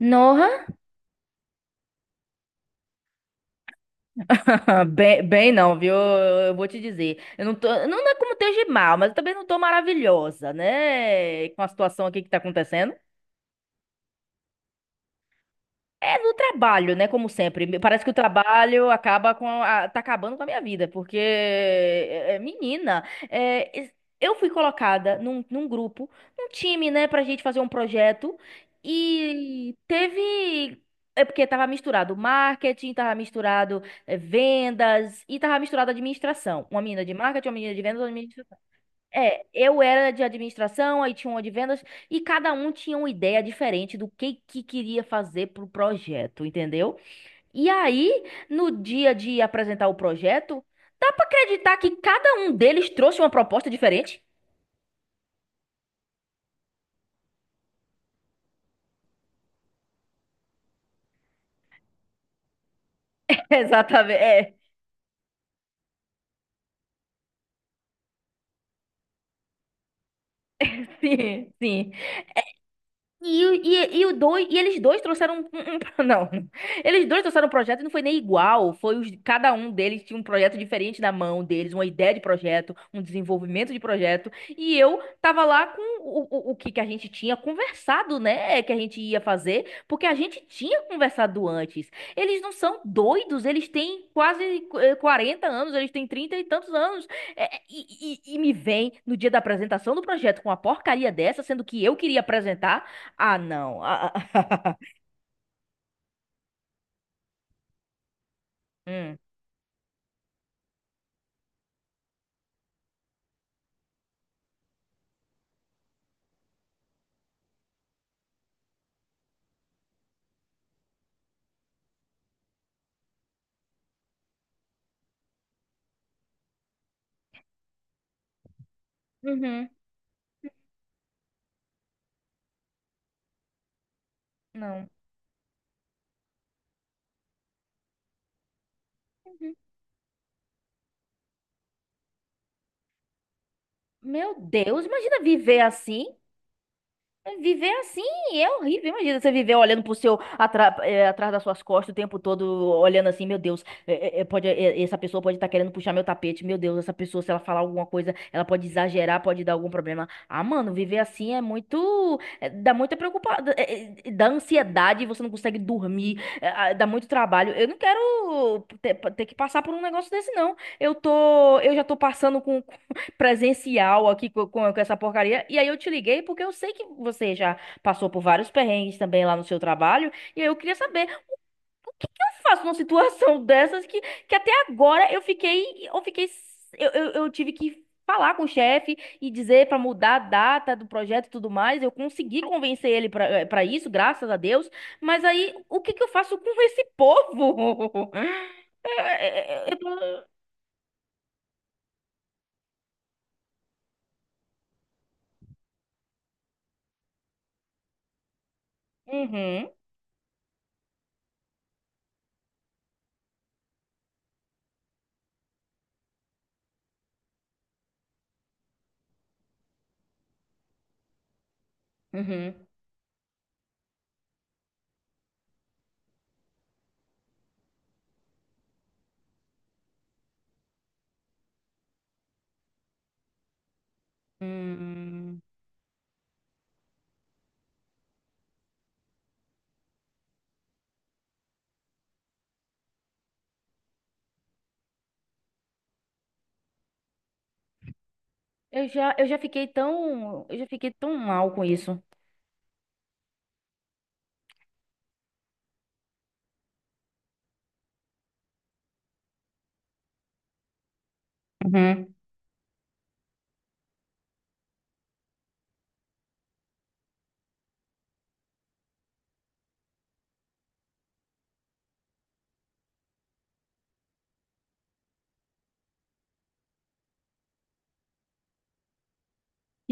Nossa, bem, bem não, viu? Eu vou te dizer. Eu não tô, não é como esteja mal, mas eu também não tô maravilhosa, né? Com a situação aqui que tá acontecendo. É do trabalho, né? Como sempre. Parece que o trabalho acaba tá acabando com a minha vida, porque menina, eu fui colocada num grupo, num time, né, pra gente fazer um projeto e teve. É porque tava misturado marketing, tava misturado vendas e tava misturado administração. Uma menina de marketing, uma menina de vendas, uma menina de, é, eu era de administração, aí tinha uma de vendas, e cada um tinha uma ideia diferente do que queria fazer pro projeto, entendeu? E aí, no dia de apresentar o projeto, dá pra acreditar que cada um deles trouxe uma proposta diferente? Exatamente, é. Sim, sim. E eles dois trouxeram um não, eles dois trouxeram um projeto e não foi nem igual, foi os, cada um deles tinha um projeto diferente na mão deles, uma ideia de projeto, um desenvolvimento de projeto, e eu tava lá com o que que a gente tinha conversado, né, que a gente ia fazer, porque a gente tinha conversado antes. Eles não são doidos, eles têm quase 40 anos, eles têm 30 e tantos anos. E me vem no dia da apresentação do projeto com uma porcaria dessa, sendo que eu queria apresentar. Ah, não. Hum. Uhum. Não. Uhum. Meu Deus, imagina viver assim. Viver assim é horrível. Imagina você viver olhando pro seu, atrás das suas costas o tempo todo, olhando assim, meu Deus, essa pessoa pode estar querendo puxar meu tapete. Meu Deus, essa pessoa, se ela falar alguma coisa, ela pode exagerar, pode dar algum problema. Ah, mano, viver assim é muito. É, dá muita preocupação. Dá ansiedade, você não consegue dormir, dá muito trabalho. Eu não quero ter que passar por um negócio desse, não. Eu já tô passando presencial aqui com essa porcaria. E aí eu te liguei porque eu sei que você já passou por vários perrengues também lá no seu trabalho. E aí eu queria saber o que que eu faço numa situação dessas que até agora eu fiquei, eu fiquei, eu tive que falar com o chefe e dizer para mudar a data do projeto e tudo mais. Eu consegui convencer ele para isso, graças a Deus. Mas aí o que que eu faço com esse povo? Eu tô... Uhum, uhum. Hum. Eu já fiquei tão, eu já fiquei tão mal com isso. Uhum.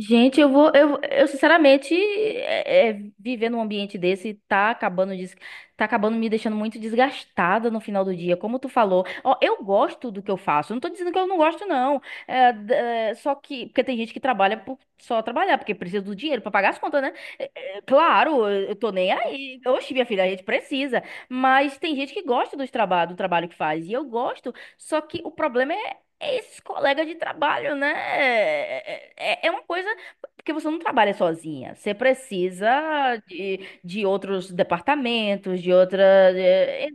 Gente, eu sinceramente, viver num ambiente desse tá tá acabando me deixando muito desgastada no final do dia, como tu falou. Ó, eu gosto do que eu faço, eu não tô dizendo que eu não gosto, não. Só que, porque tem gente que trabalha por só trabalhar, porque precisa do dinheiro pra pagar as contas, né? Claro, eu tô nem aí. Oxe, minha filha, a gente precisa. Mas tem gente que gosta dos traba do trabalho que faz, e eu gosto, só que o problema é, é esses colegas de trabalho, né? É uma coisa, porque você não trabalha sozinha. Você precisa de outros departamentos, de outra. é-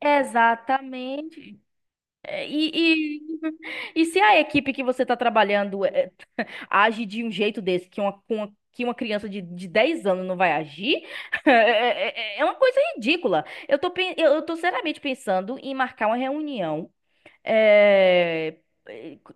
Exatamente. É, E, e, e se a equipe que você está trabalhando age de um jeito desse, que uma criança de 10 anos não vai agir, é, é- é uma coisa ridícula. Eu tô seriamente pensando em marcar uma reunião é,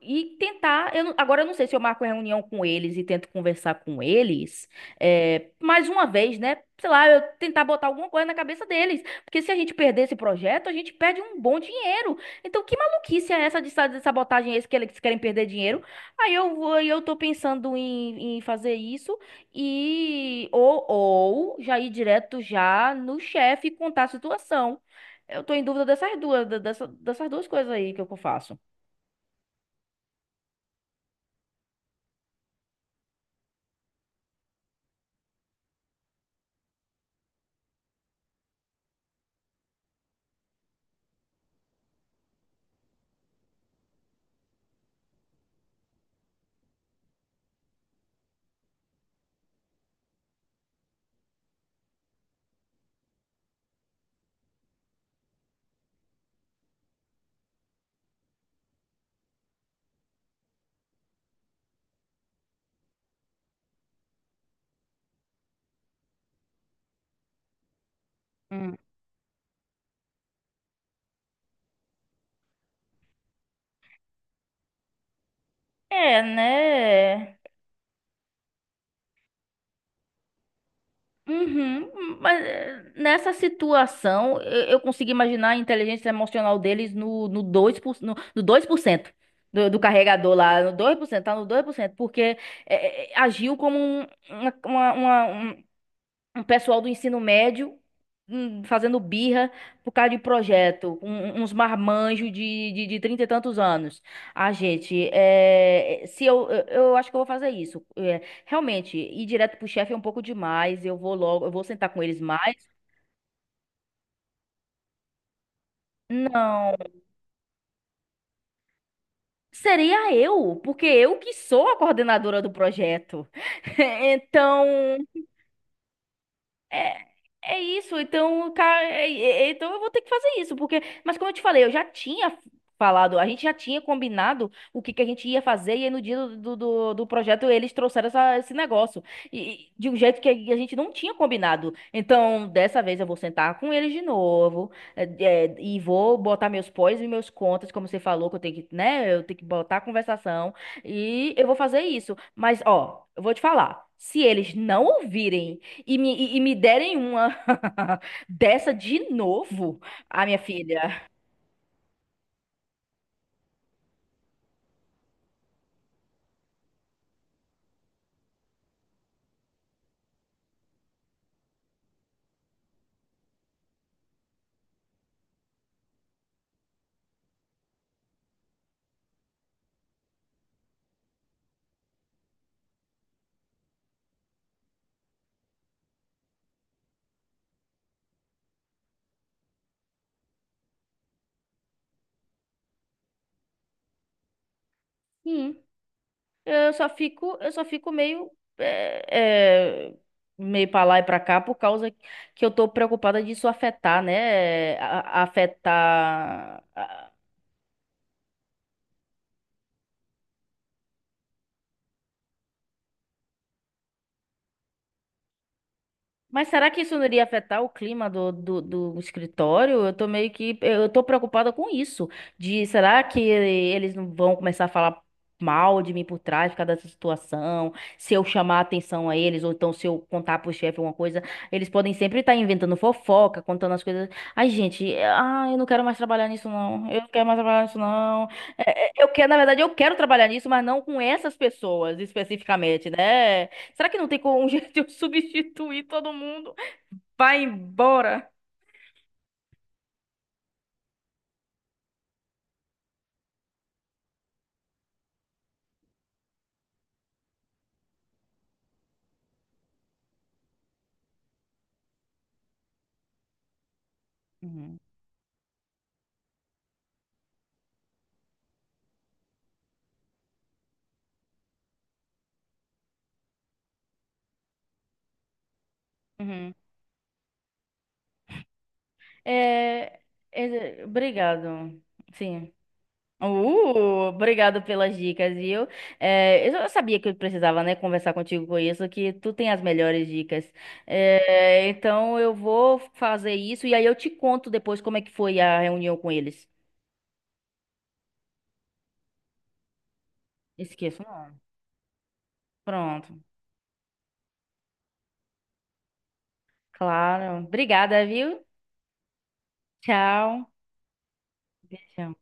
e tentar. Eu não- Agora eu não sei se eu marco reunião com eles e tento conversar com eles. Mais uma vez, né? Sei lá, eu tentar botar alguma coisa na cabeça deles. Porque se a gente perder esse projeto, a gente perde um bom dinheiro. Então, que maluquice é essa de sabotagem é esse que eles querem perder dinheiro? Aí eu tô pensando em fazer isso e ou já ir direto já no chefe e contar a situação. Eu tô em dúvida dessas duas, dessas duas coisas aí que eu faço. Hum. É, né? Uhum, mas nessa situação, eu consigo imaginar a inteligência emocional deles no 2%, no 2% do carregador lá, no 2%, tá no 2%, porque agiu como uma, uma, uma, um pessoal do ensino médio, fazendo birra por causa de projeto, uns marmanjos de trinta e tantos anos. Ah, gente, é, se eu, eu acho que eu vou fazer isso. É, realmente, ir direto pro chefe é um pouco demais. Eu vou logo, eu vou sentar com eles mais. Não, seria eu, porque eu que sou a coordenadora do projeto. Então, é, é isso, então, cara, então eu vou ter que fazer isso, porque, mas como eu te falei, eu já tinha falado, a gente já tinha combinado o que que a gente ia fazer, e aí no dia do projeto eles trouxeram esse negócio, e de um jeito que a gente não tinha combinado. Então, dessa vez eu vou sentar com eles de novo, é, e vou botar meus pós e meus contas, como você falou, que eu tenho que, né, eu tenho que botar a conversação, e eu vou fazer isso. Mas, ó, eu vou te falar, se eles não ouvirem e me derem uma. Dessa de novo, a minha filha. Hum, eu só fico meio, é, é, meio para lá e para cá por causa que eu tô preocupada disso afetar, né? Afetar. Mas será que isso não iria afetar o clima do escritório? Eu tô meio que. Eu tô preocupada com isso. De será que eles não vão começar a falar mal de mim por trás por causa dessa situação? Se eu chamar a atenção a eles, ou então se eu contar pro chefe alguma coisa, eles podem sempre estar inventando fofoca, contando as coisas. Ai, gente, eu não quero mais trabalhar nisso, não. Eu não quero mais trabalhar nisso, não. Eu quero, na verdade, eu quero trabalhar nisso, mas não com essas pessoas especificamente, né? Será que não tem como um jeito de eu substituir todo mundo? Vai embora. Uhum. Uhum. É, obrigado. Sim. Obrigado pelas dicas, viu? É, eu já sabia que eu precisava, né, conversar contigo com isso, que tu tem as melhores dicas. É, então eu vou fazer isso e aí eu te conto depois como é que foi a reunião com eles. Esqueço, não. Pronto. Claro. Obrigada, viu? Tchau. Beijão.